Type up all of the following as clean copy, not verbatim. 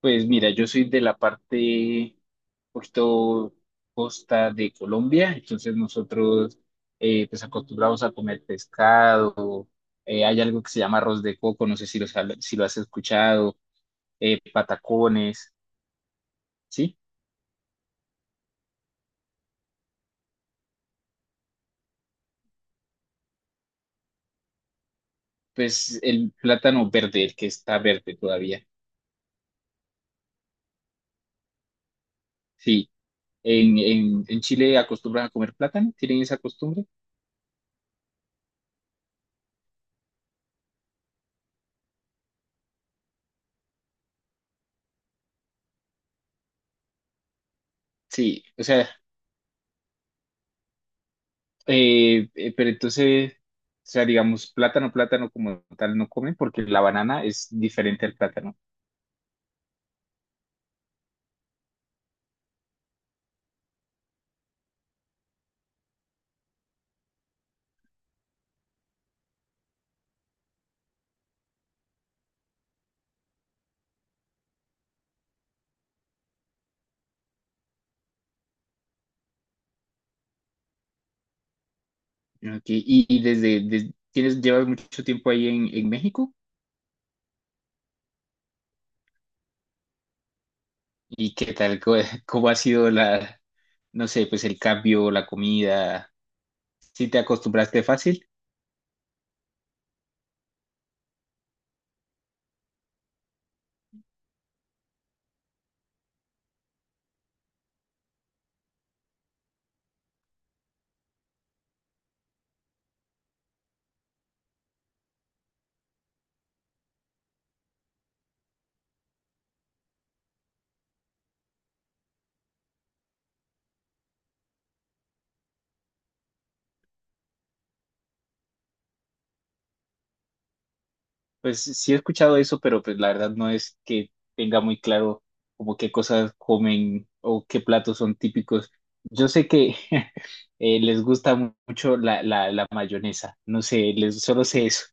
Pues mira, yo soy de la parte poquito costa de Colombia. Entonces nosotros pues acostumbramos a comer pescado. Hay algo que se llama arroz de coco, no sé si si lo has escuchado, patacones, ¿sí? Pues el plátano verde, el que está verde todavía, sí. En Chile acostumbran a comer plátano, ¿tienen esa costumbre? Sí, o sea, pero entonces, o sea, digamos, plátano, plátano como tal no comen porque la banana es diferente al plátano. Ok. ¿Y llevas mucho tiempo ahí en México? ¿Y qué tal? ¿Cómo, cómo ha sido no sé, pues el cambio, la comida? ¿Sí te acostumbraste fácil? Pues sí he escuchado eso, pero pues la verdad no es que tenga muy claro como qué cosas comen o qué platos son típicos. Yo sé que les gusta mucho la mayonesa, no sé, solo sé eso.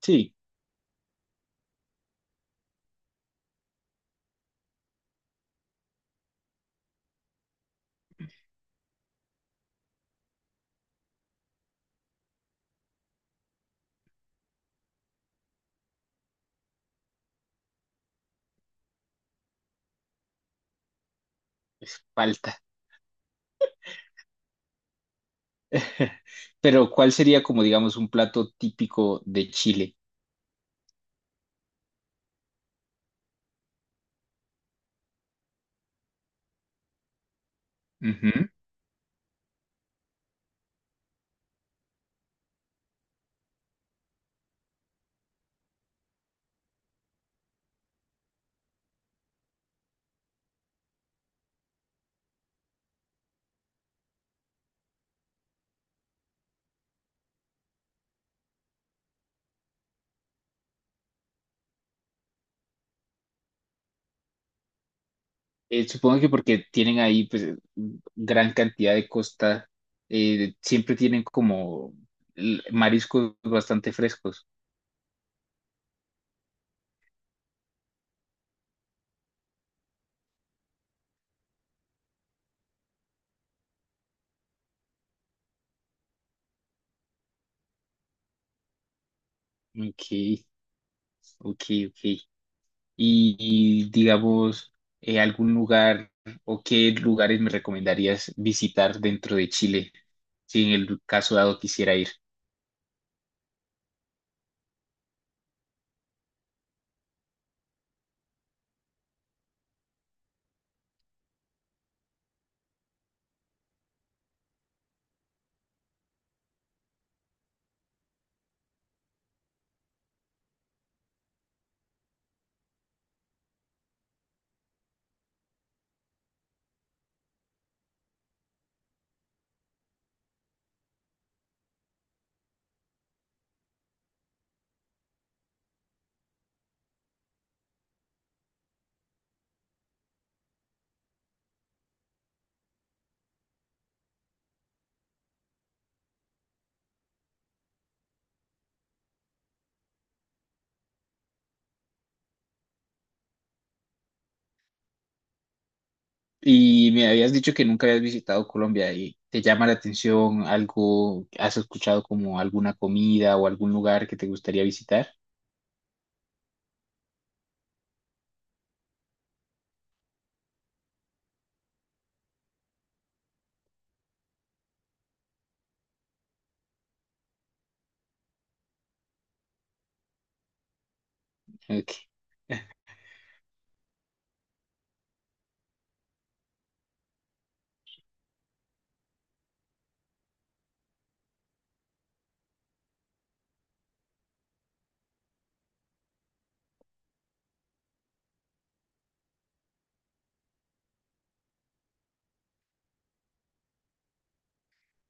Sí, pues, falta. Pero ¿cuál sería como digamos un plato típico de Chile? Ujú. Supongo que porque tienen ahí pues gran cantidad de costa, siempre tienen como mariscos bastante frescos. Ok, ok, ok. ¿Y, digamos, algún lugar o qué lugares me recomendarías visitar dentro de Chile, si en el caso dado quisiera ir? ¿Y me habías dicho que nunca habías visitado Colombia y te llama la atención algo? ¿Has escuchado como alguna comida o algún lugar que te gustaría visitar? Ok.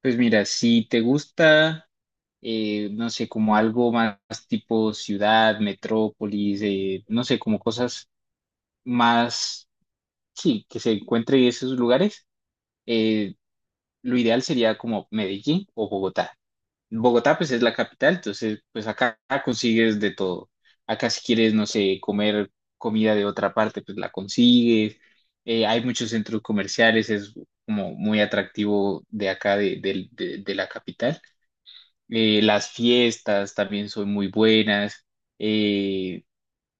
Pues mira, si te gusta, no sé, como algo más tipo ciudad, metrópolis, no sé, como cosas más, sí, que se encuentre en esos lugares, eh, lo ideal sería como Medellín o Bogotá. Bogotá pues es la capital, entonces pues acá consigues de todo. Acá si quieres, no sé, comer comida de otra parte, pues la consigues. Hay muchos centros comerciales, es como muy atractivo de acá, de la capital. Las fiestas también son muy buenas. Eh,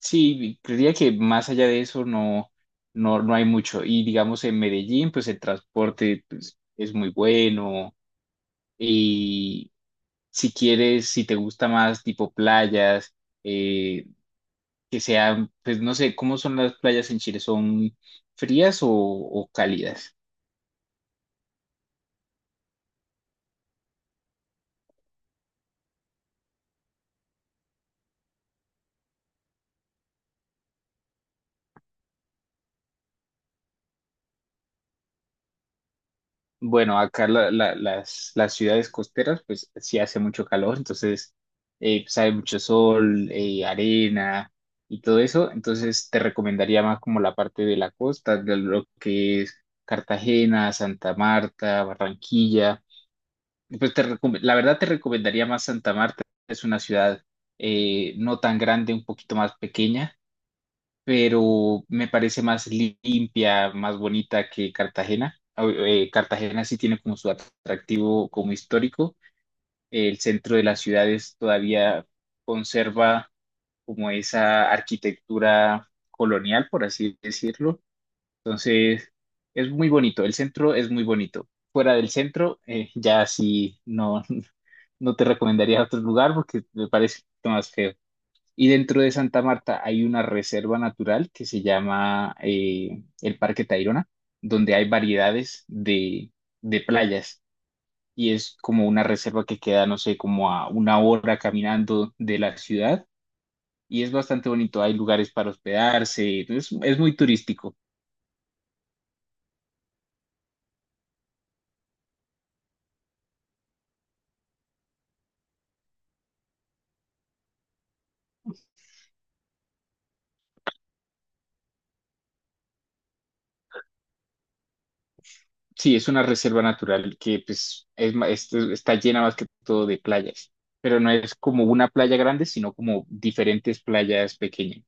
Sí, creería que más allá de eso no, no, no hay mucho. Y digamos en Medellín, pues el transporte pues, es muy bueno. Y si quieres, si te gusta más tipo playas, eh, que sean, pues no sé. ¿Cómo son las playas en Chile? ¿Son frías o cálidas? Bueno, acá las ciudades costeras, pues sí hace mucho calor, entonces pues, hay mucho sol, arena y todo eso. Entonces te recomendaría más como la parte de la costa, de lo que es Cartagena, Santa Marta, Barranquilla. Pues la verdad te recomendaría más Santa Marta. Es una ciudad no tan grande, un poquito más pequeña, pero me parece más limpia, más bonita que Cartagena. Cartagena sí tiene como su atractivo como histórico. El centro de las ciudades todavía conserva como esa arquitectura colonial, por así decirlo. Entonces, es muy bonito. El centro es muy bonito. Fuera del centro, ya sí no, no te recomendaría otro lugar porque me parece más feo. Y dentro de Santa Marta hay una reserva natural que se llama el Parque Tayrona, donde hay variedades de playas, y es como una reserva que queda, no sé, como a una hora caminando de la ciudad, y es bastante bonito. Hay lugares para hospedarse, es muy turístico. Sí, es una reserva natural que pues está llena más que todo de playas, pero no es como una playa grande, sino como diferentes playas pequeñas.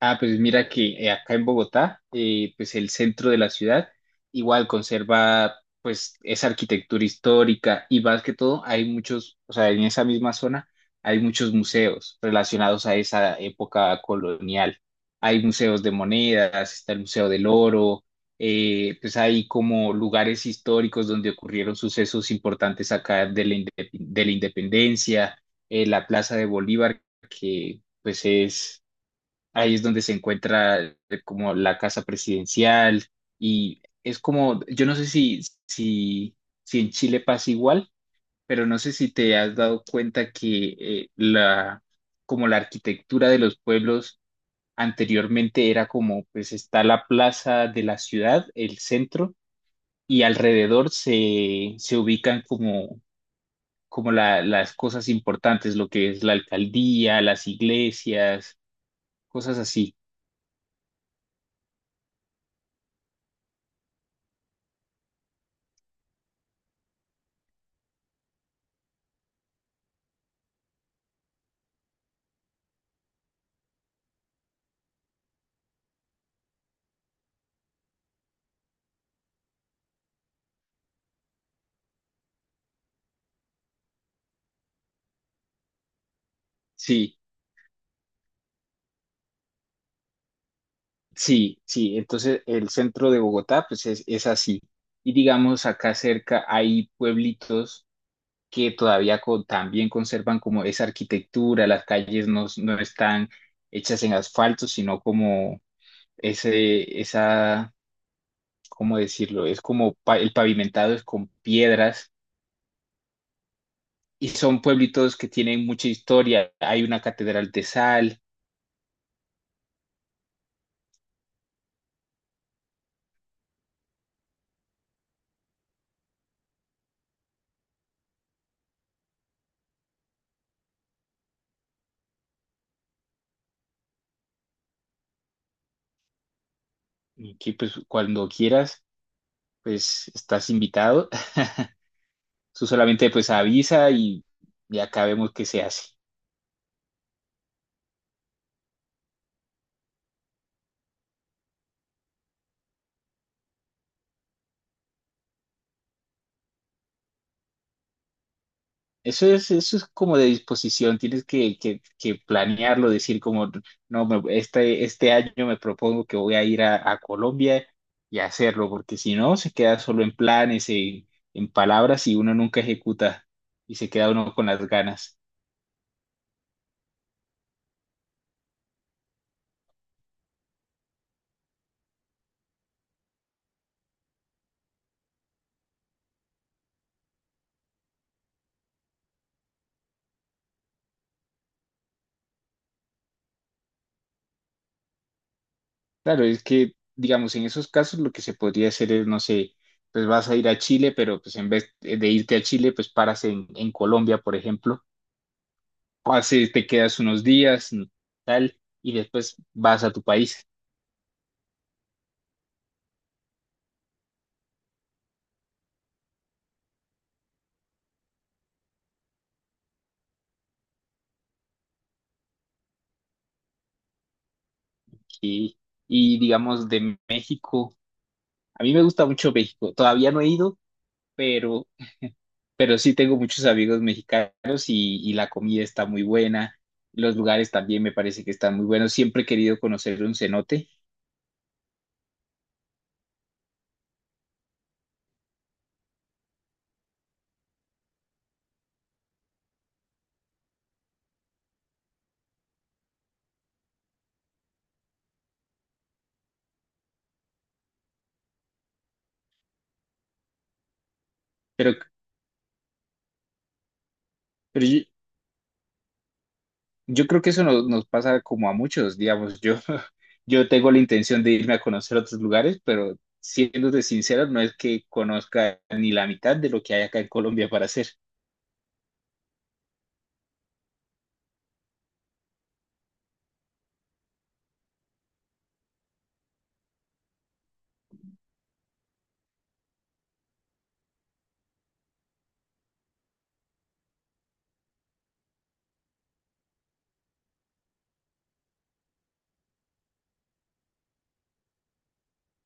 Ah, pues mira que acá en Bogotá, pues el centro de la ciudad igual conserva pues esa arquitectura histórica, y más que todo hay muchos, o sea, en esa misma zona hay muchos museos relacionados a esa época colonial. Hay museos de monedas, está el Museo del Oro. Pues hay como lugares históricos donde ocurrieron sucesos importantes acá de de la independencia. La Plaza de Bolívar, que pues es ahí es donde se encuentra como la casa presidencial. Y es como, yo no sé si, si, si en Chile pasa igual, pero no sé si te has dado cuenta que como la arquitectura de los pueblos anteriormente era como, pues está la plaza de la ciudad, el centro, y alrededor se ubican como, como las cosas importantes, lo que es la alcaldía, las iglesias, cosas así. Sí. Sí, sí. Entonces el centro de Bogotá pues es así. Y digamos acá cerca hay pueblitos que todavía también conservan como esa arquitectura. Las calles no están hechas en asfalto, sino como ese, esa, ¿cómo decirlo? Es como el pavimentado es con piedras, y son pueblitos que tienen mucha historia. Hay una catedral de sal. Y que pues cuando quieras, pues estás invitado. Tú solamente pues avisa, y ya acá vemos qué se hace. Eso es como de disposición. Tienes que, que planearlo, decir como: no, este año me propongo que voy a ir a Colombia, y hacerlo, porque si no, se queda solo en planes, en palabras, y uno nunca ejecuta y se queda uno con las ganas. Claro, es que, digamos, en esos casos lo que se podría hacer es, no sé, pues vas a ir a Chile, pero pues en vez de irte a Chile, pues paras en Colombia, por ejemplo. Así te quedas unos días, tal, y después vas a tu país. Y, y digamos de México, a mí me gusta mucho México. Todavía no he ido, pero, pero sí tengo muchos amigos mexicanos, y la comida está muy buena. Los lugares también me parece que están muy buenos. Siempre he querido conocer un cenote, pero, pero yo creo que eso nos pasa como a muchos, digamos, yo, yo tengo la intención de irme a conocer otros lugares, pero siéndote sincero, no es que conozca ni la mitad de lo que hay acá en Colombia para hacer.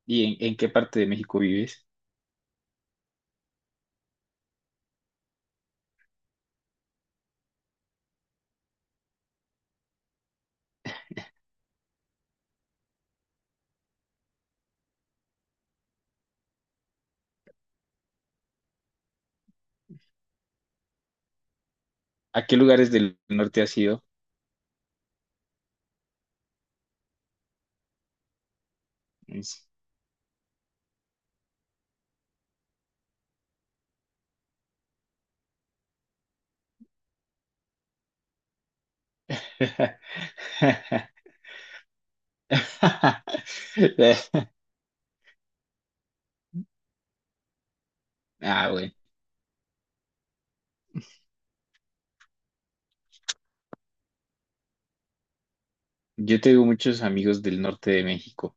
¿Y en qué parte de México vives? ¿A qué lugares del norte has ido? Es- Ah, bueno, yo tengo muchos amigos del norte de México.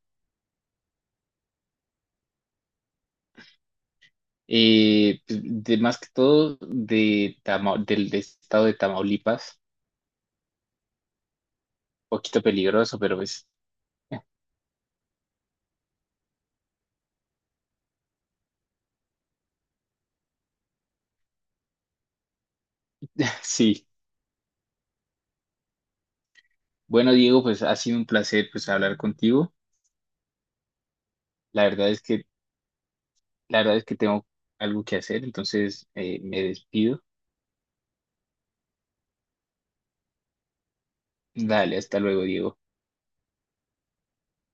Pues, de más que todo de del estado de Tamaulipas, poquito peligroso, pero pues. Sí, bueno Diego, pues ha sido un placer pues hablar contigo. La verdad es que la verdad es que tengo algo que hacer, entonces me despido. Dale, hasta luego Diego.